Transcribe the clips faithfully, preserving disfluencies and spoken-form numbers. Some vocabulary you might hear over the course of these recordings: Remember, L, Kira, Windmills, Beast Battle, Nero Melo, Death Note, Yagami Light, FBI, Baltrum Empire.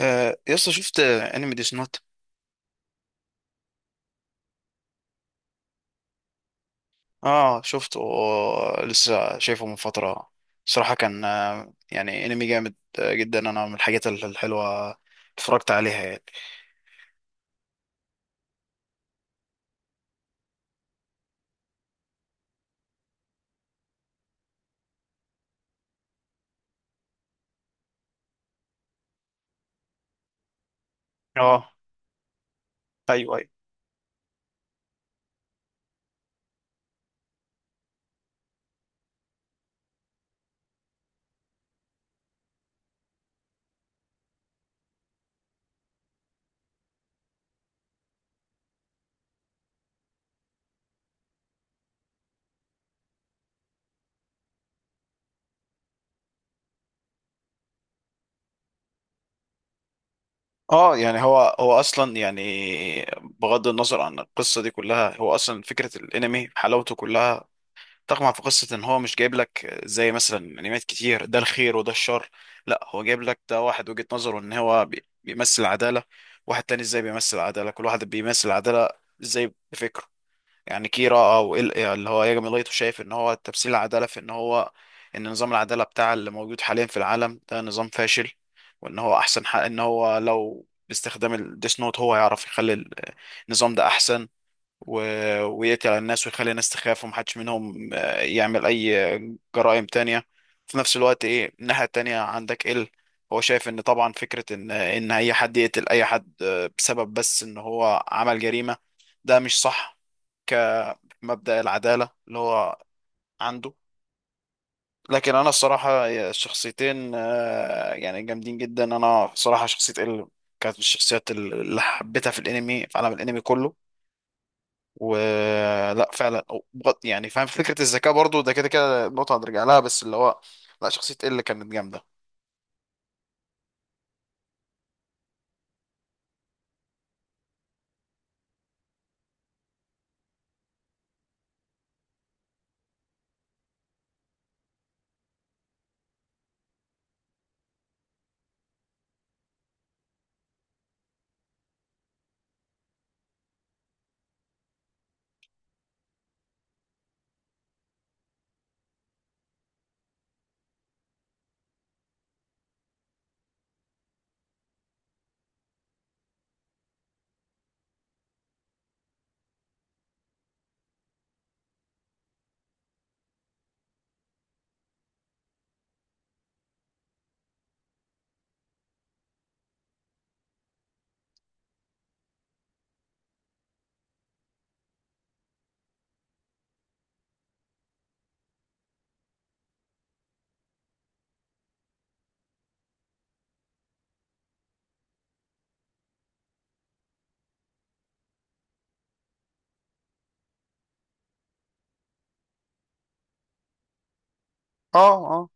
آه، يا اسطى شفت انمي ديس نوت. اه شفته، آه، لسه شايفه من فتره. صراحه كان، آه، يعني انمي جامد آه، جدا. انا من الحاجات ال- الحلوه اتفرجت عليها يعني. اه، ايوه ايوه. اه يعني هو هو اصلا يعني، بغض النظر عن القصه دي كلها، هو اصلا فكره الانمي حلاوته كلها. طبعا في قصة ان هو مش جايب لك زي مثلا انميات كتير ده الخير وده الشر. لا، هو جايب لك ده واحد وجهة نظره ان هو بي- بيمثل عدالة، واحد تاني ازاي بيمثل عدالة، كل واحد بيمثل عدالة ازاي بفكره. يعني كيرا او ال- اللي هو ياجامي لايتو، شايف ان هو تمثيل العدالة في ان هو، ان نظام العدالة بتاع اللي موجود حاليا في العالم ده نظام فاشل، وان هو احسن حق ان هو لو باستخدام الديس نوت هو يعرف يخلي ال- النظام ده احسن. و... ويقتل على الناس ويخلي الناس تخاف ومحدش منهم آه، يعمل أي جرائم تانية. في نفس الوقت إيه، الناحية التانية عندك إل، هو شايف إن طبعا فكرة إن إن أي حد يقتل أي حد، آه، بسبب بس إن هو عمل جريمة، ده مش صح. كمبدأ العدالة اللي هو عنده. لكن أنا الصراحة الشخصيتين، آه، يعني جامدين جدا. أنا صراحة شخصية إل كانت من الشخصيات اللي حبيتها في الانمي، في عالم الانمي كله. ولا فعلا، بغض- يعني فاهم فكرة الذكاء برضو، ده كده كده نقطة هنرجع لها، بس اللي هو لا، شخصية ال كانت جامدة. اه، اه،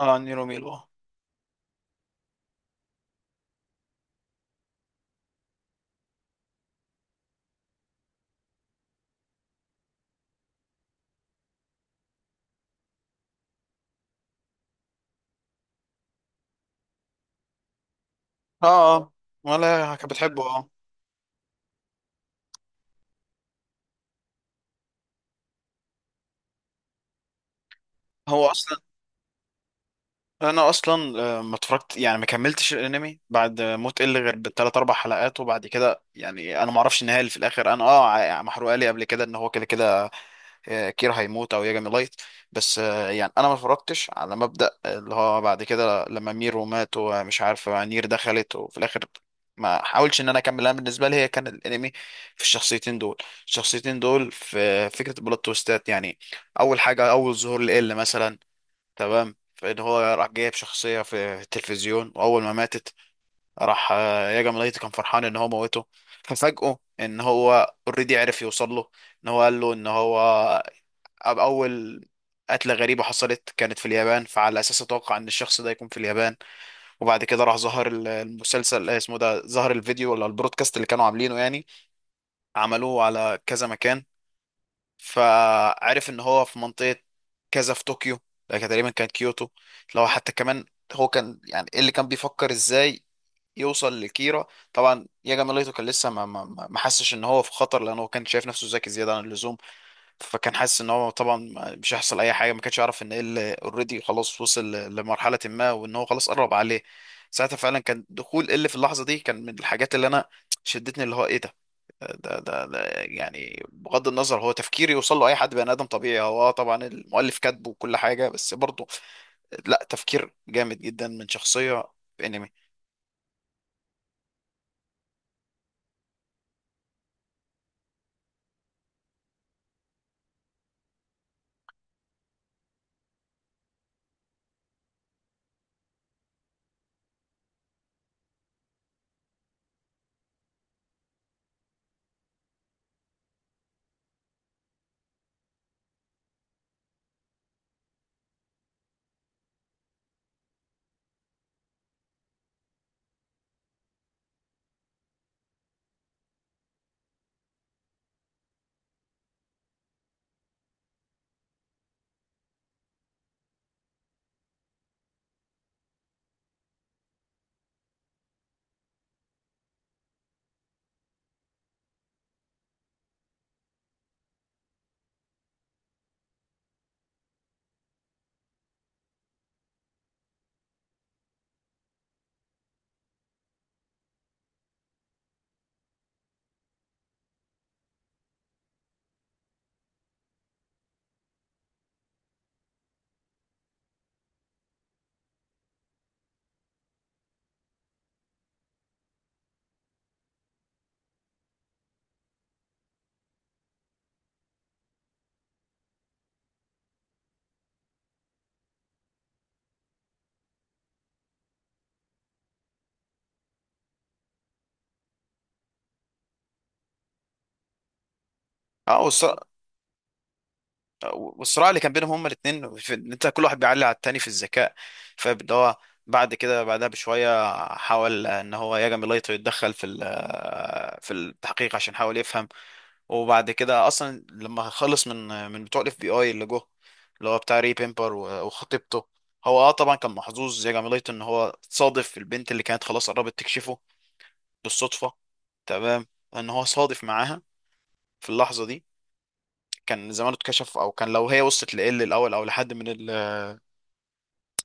اه. نيرو ميلو، اه. اه، ولا كانت بتحبه؟ اه. هو اصلا، انا اصلا، آه، ما اتفرجت يعني ما كملتش الانمي بعد موت ال غير بالثلاث اربع حلقات، وبعد كده يعني انا ما اعرفش النهايه اللي في الاخر. انا اه ع- محروقه لي قبل كده ان هو كده كده آه، كير هيموت او ياجامي لايت. بس آه، يعني انا ما اتفرجتش على مبدأ اللي هو بعد كده لما ميرو مات ومش عارف نير دخلت وفي الاخر، ما حاولش ان انا اكمل. انا بالنسبه لي هي كان الانمي في الشخصيتين دول. الشخصيتين دول في فكره البلوت تويستات يعني، اول حاجه اول ظهور لإل مثلا، تمام، فان هو راح جايب شخصيه في التلفزيون واول ما ماتت، راح آه، ياجامي لايت كان فرحان ان هو موته، ففاجئه ان هو اوريدي عرف يوصل له. ان هو قال له ان هو أب- أول قتلة غريبة حصلت كانت في اليابان، فعلى أساس أتوقع إن الشخص ده يكون في اليابان. وبعد كده راح ظهر ال- المسلسل، آه، اسمه ده، ظهر الفيديو ولا البرودكاست اللي كانوا عاملينه يعني، عملوه على كذا مكان، فعرف إن هو في منطقة كذا في طوكيو. ده كان تقريبا كانت كيوتو لو حتى كمان. هو كان يعني إيه اللي كان بيفكر إزاي يوصل لكيرا. طبعا ياجا ميليتو كان لسه ما ما ما ما حسش ان هو في خطر، لان هو كان شايف نفسه ذكي زياده عن اللزوم. فكان حاسس ان هو طبعا مش هيحصل اي حاجه، ما كانش يعرف ان ال اوريدي خلاص وصل لمرحله ما وان هو خلاص قرب عليه. ساعتها فعلا كان دخول ال في اللحظه دي كان من الحاجات اللي انا شدتني، اللي هو ايه ده. ده ده, ده يعني بغض النظر هو تفكير يوصل له اي حد بني ادم طبيعي، هو آه طبعا المؤلف كاتبه وكل حاجه، بس برضه لا، تفكير جامد جدا من شخصيه في انمي. اه والص- والصراع اللي كان بينهم هما الاثنين في ان انت كل واحد بيعلي على التاني في الذكاء، فاللي هو بعد كده بعدها بشويه حاول ان هو ياجامي لايتو يتدخل في ال- في التحقيق عشان يحاول يفهم. وبعد كده اصلا لما خلص من من بتوع الاف بي اي اللي جه، اللي هو بتاع ري بيمبر و- وخطيبته، هو اه طبعا كان محظوظ ياجامي لايتو ان هو صادف البنت اللي كانت خلاص قربت تكشفه بالصدفه. تمام، ان هو صادف معاها في اللحظه دي، كان زمانه اتكشف. او كان لو هي وصلت لإل الاول او لحد من ال-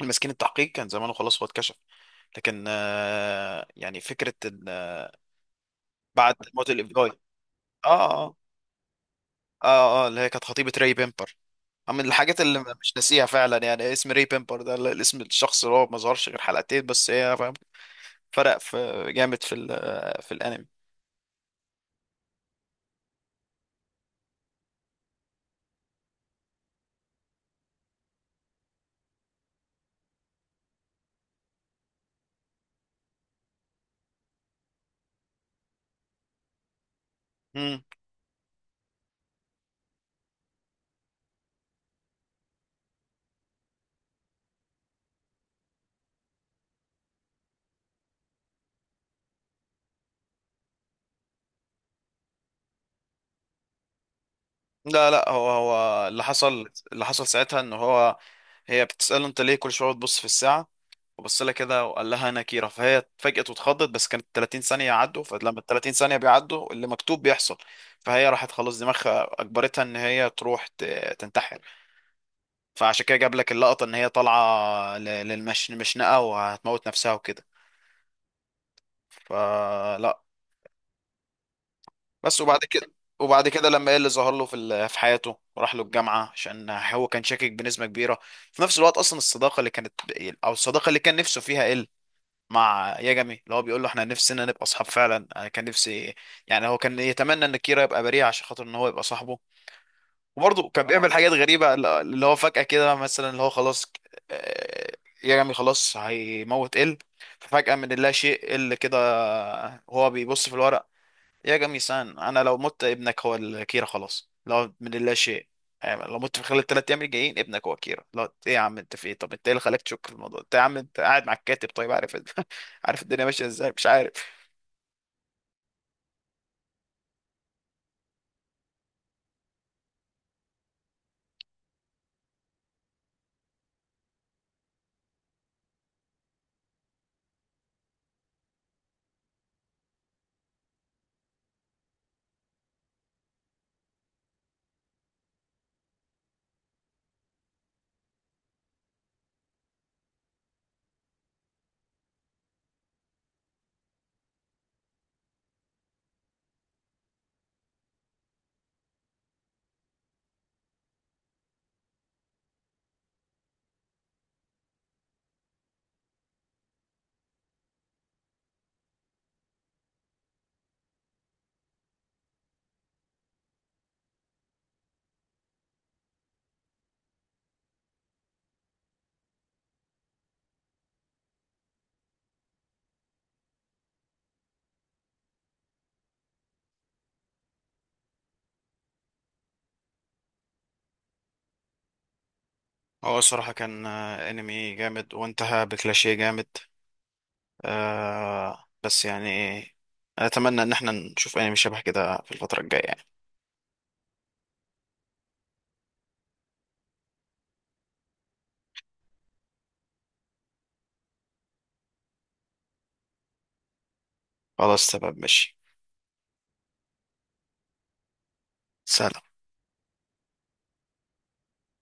المسكين التحقيق، كان زمانه خلاص هو اتكشف. لكن آه، يعني فكرة إن آه، بعد موت الاف بي آي، اه، اه، اه اه اللي هي كانت خطيبة ري بيمبر. من الحاجات اللي مش ناسيها فعلا يعني، اسم ري بيمبر ده، اللي- الاسم الشخص اللي هو ما ظهرش غير حلقتين بس، هي فاهم، فرق في جامد في ال- في الانمي. مم. لا لا، هو هو اللي حصل، اللي حصل ساعتها ان هو، هي بتسأله انت ليه كل شوية بتبص في الساعة، وبص لها كده وقال لها انا كيرة، فهي اتفاجئت واتخضت، بس كانت ثلاثين ثانية يعدوا، فلما ال ثلاثين ثانية بيعدوا اللي مكتوب بيحصل. فهي راحت خلاص دماغها اجبرتها ان هي تروح ت- تنتحر. فعشان كده جاب لك اللقطة ان هي طالعة ل- للمش مشنقة وهتموت نفسها وكده، فلا. بس. وبعد كده، وبعد كده لما ايه اللي ظهر له في ال- في حياته راح له الجامعة عشان هو كان شاكك بنسبة كبيرة. في نفس الوقت اصلا الصداقة اللي كانت، او الصداقة اللي كان نفسه فيها إيه مع ياجامي، اللي هو بيقول له احنا نفسنا نبقى اصحاب فعلا، انا كان نفسي، يعني هو كان يتمنى ان كيرا يبقى بريء عشان خاطر ان هو يبقى صاحبه. وبرضه كان بيعمل اه حاجات غريبة، اللي هو فجأة كده مثلا اللي هو خلاص، آه، ياجامي خلاص هيموت ال، ففجأة من لا شيء ال كده هو بيبص في الورقة، يا جميسان انا لو مت ابنك هو الكيرة، خلاص لو من اللا شيء، يعني لو مت في خلال الثلاث ايام الجايين ابنك هو كيرة. لا ايه يا عم انت، في ايه؟ طب انت ايه اللي خلاك تشك في الموضوع؟ انت يا عم انت قاعد مع الكاتب طيب، عارف عارف الدنيا ماشيه ازاي، مش عارف. هو الصراحه كان آه، انمي جامد وانتهى بكلاشيه جامد. آه بس يعني، اتمنى ان احنا نشوف انمي شبه كده في الفتره الجايه يعني. خلاص تمام ماشي. سلام.